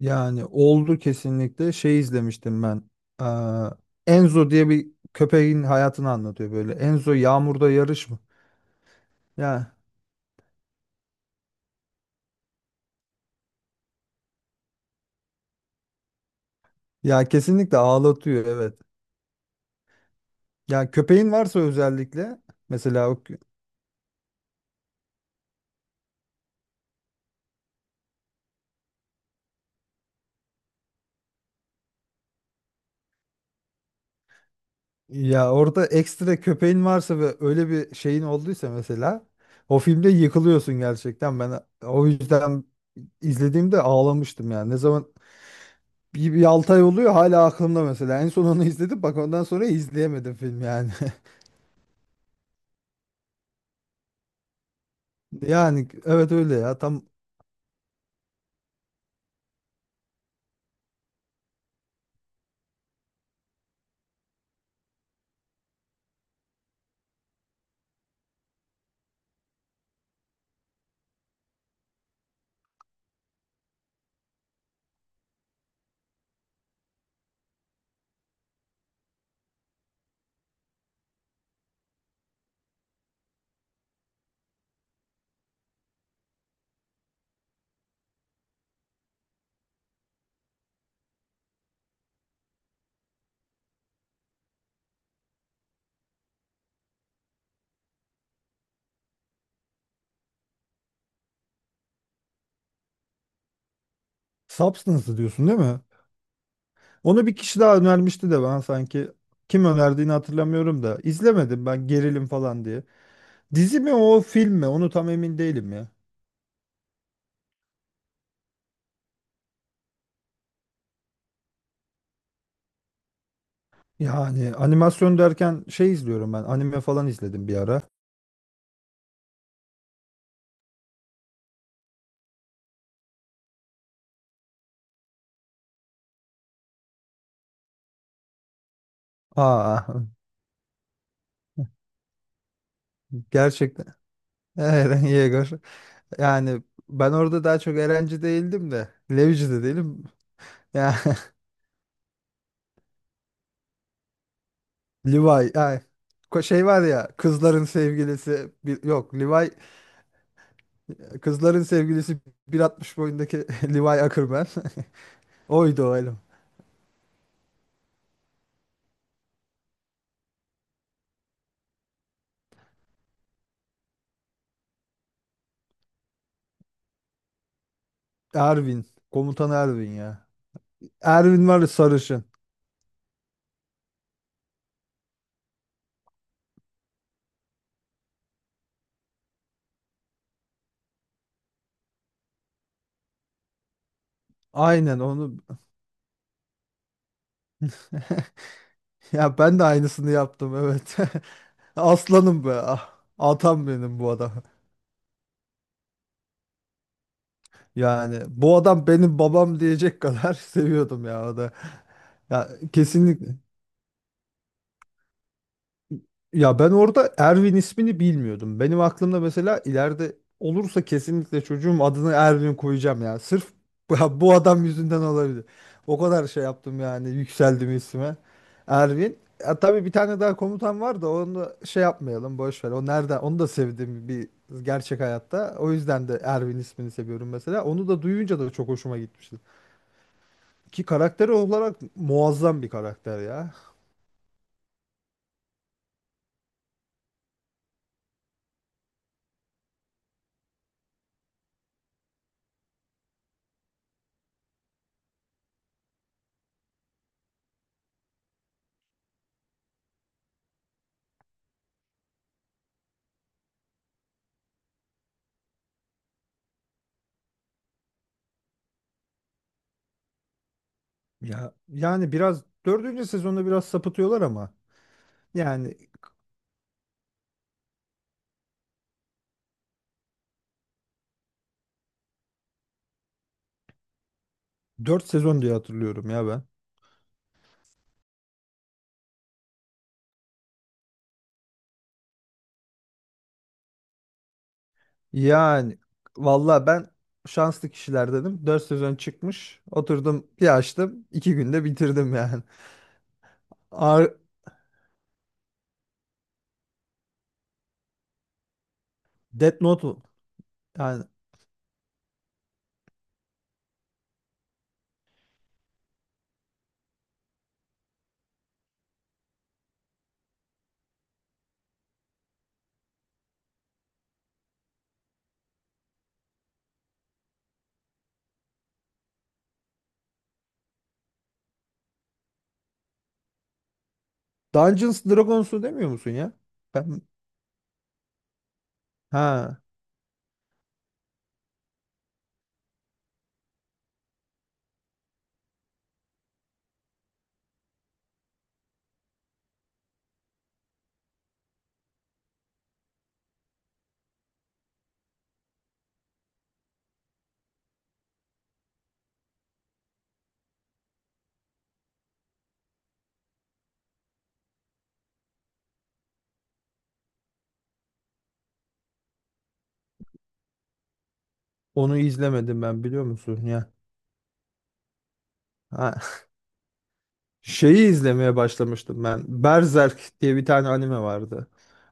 Yani oldu kesinlikle. Şey izlemiştim ben. Eee, Enzo diye bir köpeğin hayatını anlatıyor böyle. Enzo yağmurda yarış mı? Ya ya kesinlikle ağlatıyor, evet. Ya köpeğin varsa özellikle mesela ya orada ekstra köpeğin varsa ve öyle bir şeyin olduysa mesela o filmde yıkılıyorsun gerçekten. Ben o yüzden izlediğimde ağlamıştım yani. Ne zaman bir 6 ay oluyor hala aklımda mesela. En son onu izledim bak, ondan sonra izleyemedim film yani. Yani evet, öyle ya. Tam Substance diyorsun değil mi? Onu bir kişi daha önermişti de ben sanki kim önerdiğini hatırlamıyorum da izlemedim ben, gerilim falan diye. Dizi mi, o film mi? Onu tam emin değilim ya. Yani animasyon derken şey izliyorum ben. Anime falan izledim bir ara. Aa gerçekten Eren Yeager. Yani ben orada daha çok Erenci değildim de Levici de değilim. Ya Levi ay, şey var ya, kızların sevgilisi, yok Levi, kızların sevgilisi, 1,60 boyundaki Levi Ackerman. Oydu o adam. Erwin. Komutan Erwin ya. Erwin var ya, sarışın. Aynen onu. Ya ben de aynısını yaptım, evet. Aslanım be. Ah. Atam benim bu adam. Yani bu adam benim babam diyecek kadar seviyordum ya o da. Ya kesinlikle. Ya ben orada Erwin ismini bilmiyordum. Benim aklımda mesela ileride olursa kesinlikle çocuğum adını Erwin koyacağım ya. Sırf bu bu adam yüzünden olabilir. O kadar şey yaptım yani, yükseldim isme. Erwin. Ya tabii bir tane daha komutan var da onu da şey yapmayalım, boş ver. O nerede? Onu da sevdim bir, gerçek hayatta. O yüzden de Erwin ismini seviyorum mesela. Onu da duyunca da çok hoşuma gitmişti. Ki karakteri olarak muazzam bir karakter ya. Ya yani biraz dördüncü sezonda biraz sapıtıyorlar ama. Yani dört sezon diye hatırlıyorum ya ben. Yani valla ben şanslı kişiler dedim. Dört sezon çıkmış. Oturdum bir açtım. İki günde bitirdim yani. Ar Death Note mu? Yani Dungeons Dragons'u demiyor musun ya? Ben ha, onu izlemedim ben biliyor musun ya? Ha, şeyi izlemeye başlamıştım ben. Berserk diye bir tane anime vardı.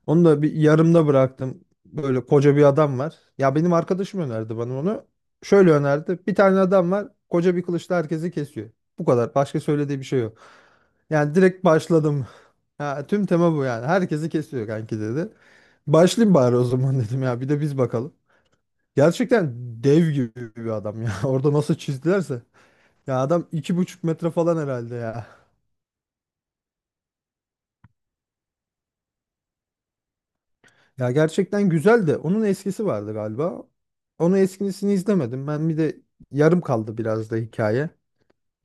Onu da bir yarımda bıraktım. Böyle koca bir adam var. Ya benim arkadaşım önerdi bana onu. Şöyle önerdi. Bir tane adam var. Koca bir kılıçla herkesi kesiyor. Bu kadar. Başka söylediği bir şey yok. Yani direkt başladım. Ha, tüm tema bu yani. Herkesi kesiyor kanki dedi. Başlayayım bari o zaman dedim ya. Bir de biz bakalım. Gerçekten dev gibi bir adam ya. Orada nasıl çizdilerse. Ya adam iki buçuk metre falan herhalde ya. Ya gerçekten güzel de onun eskisi vardı galiba. Onun eskisini izlemedim. Ben bir de yarım kaldı biraz da hikaye.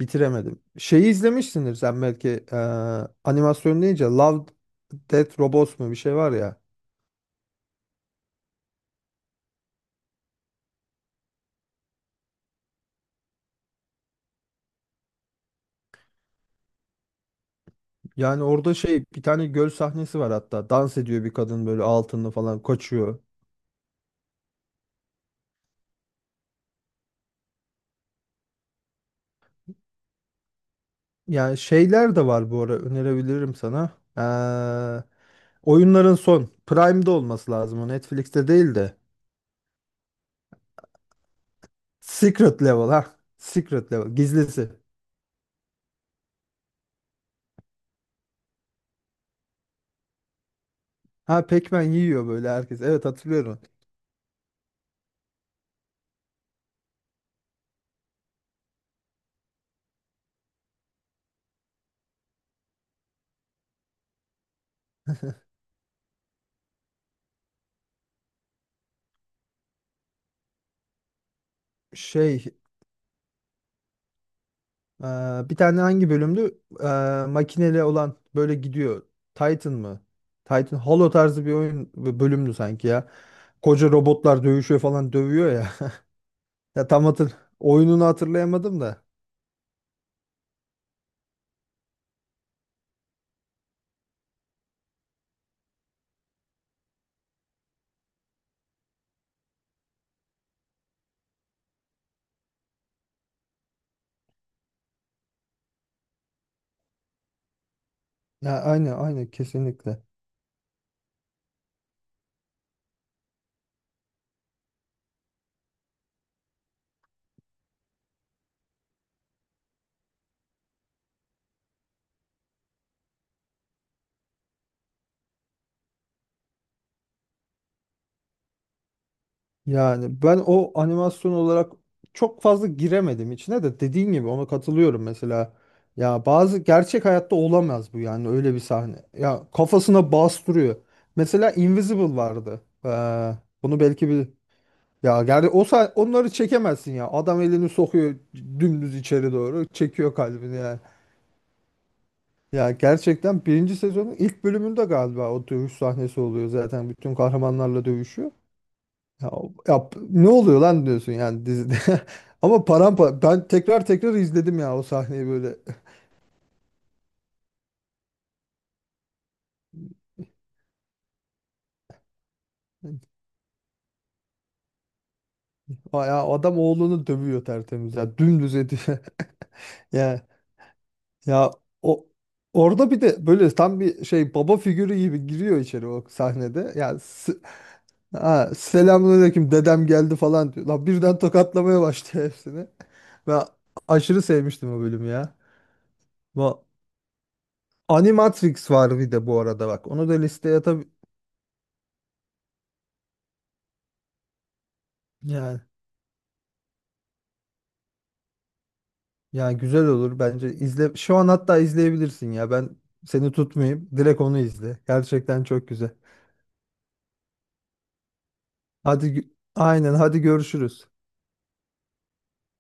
Bitiremedim. Şeyi izlemişsindir sen belki, animasyon deyince Love, Death, Robots mu bir şey var ya. Yani orada şey, bir tane göl sahnesi var hatta. Dans ediyor bir kadın böyle, altınlı falan kaçıyor. Yani şeyler de var bu ara, önerebilirim sana. Eee, oyunların son Prime'de olması lazım, o Netflix'te değil de. Secret Level ha. Secret Level gizlisi. Ha, Pac-Man yiyor böyle herkes. Evet, hatırlıyorum. Şey e, bir tane hangi bölümdü? E, makineli olan böyle gidiyor. Titan mı? Titan Halo tarzı bir oyun bir bölümdü sanki ya. Koca robotlar dövüşüyor falan, dövüyor ya. Ya tam hatır oyununu hatırlayamadım da. Ya aynı kesinlikle. Yani ben o animasyon olarak çok fazla giremedim içine de, dediğin gibi ona katılıyorum mesela. Ya bazı gerçek hayatta olamaz bu yani, öyle bir sahne. Ya kafasına bastırıyor. Mesela Invisible vardı. Bunu belki bir, ya gerçi onları çekemezsin ya. Adam elini sokuyor dümdüz içeri doğru, çekiyor kalbini yani. Ya gerçekten birinci sezonun ilk bölümünde galiba o dövüş sahnesi oluyor zaten, bütün kahramanlarla dövüşüyor. Ya, ne oluyor lan diyorsun yani dizide. Ama parampa ben tekrar tekrar izledim ya o sahneyi böyle. Aa, ya adam oğlunu dövüyor tertemiz ya, dümdüz ediyor. Ya ya o orada bir de böyle tam bir şey baba figürü gibi giriyor içeri o sahnede. Ha, selamünaleyküm dedem geldi falan diyor. Lan birden tokatlamaya başlıyor hepsini. Ben aşırı sevmiştim o bölümü ya. Bu Animatrix var bir de bu arada bak. Onu da listeye tabii, yani ya güzel olur bence. İzle. Şu an hatta izleyebilirsin ya. Ben seni tutmayayım. Direkt onu izle. Gerçekten çok güzel. Hadi gü- aynen, hadi görüşürüz.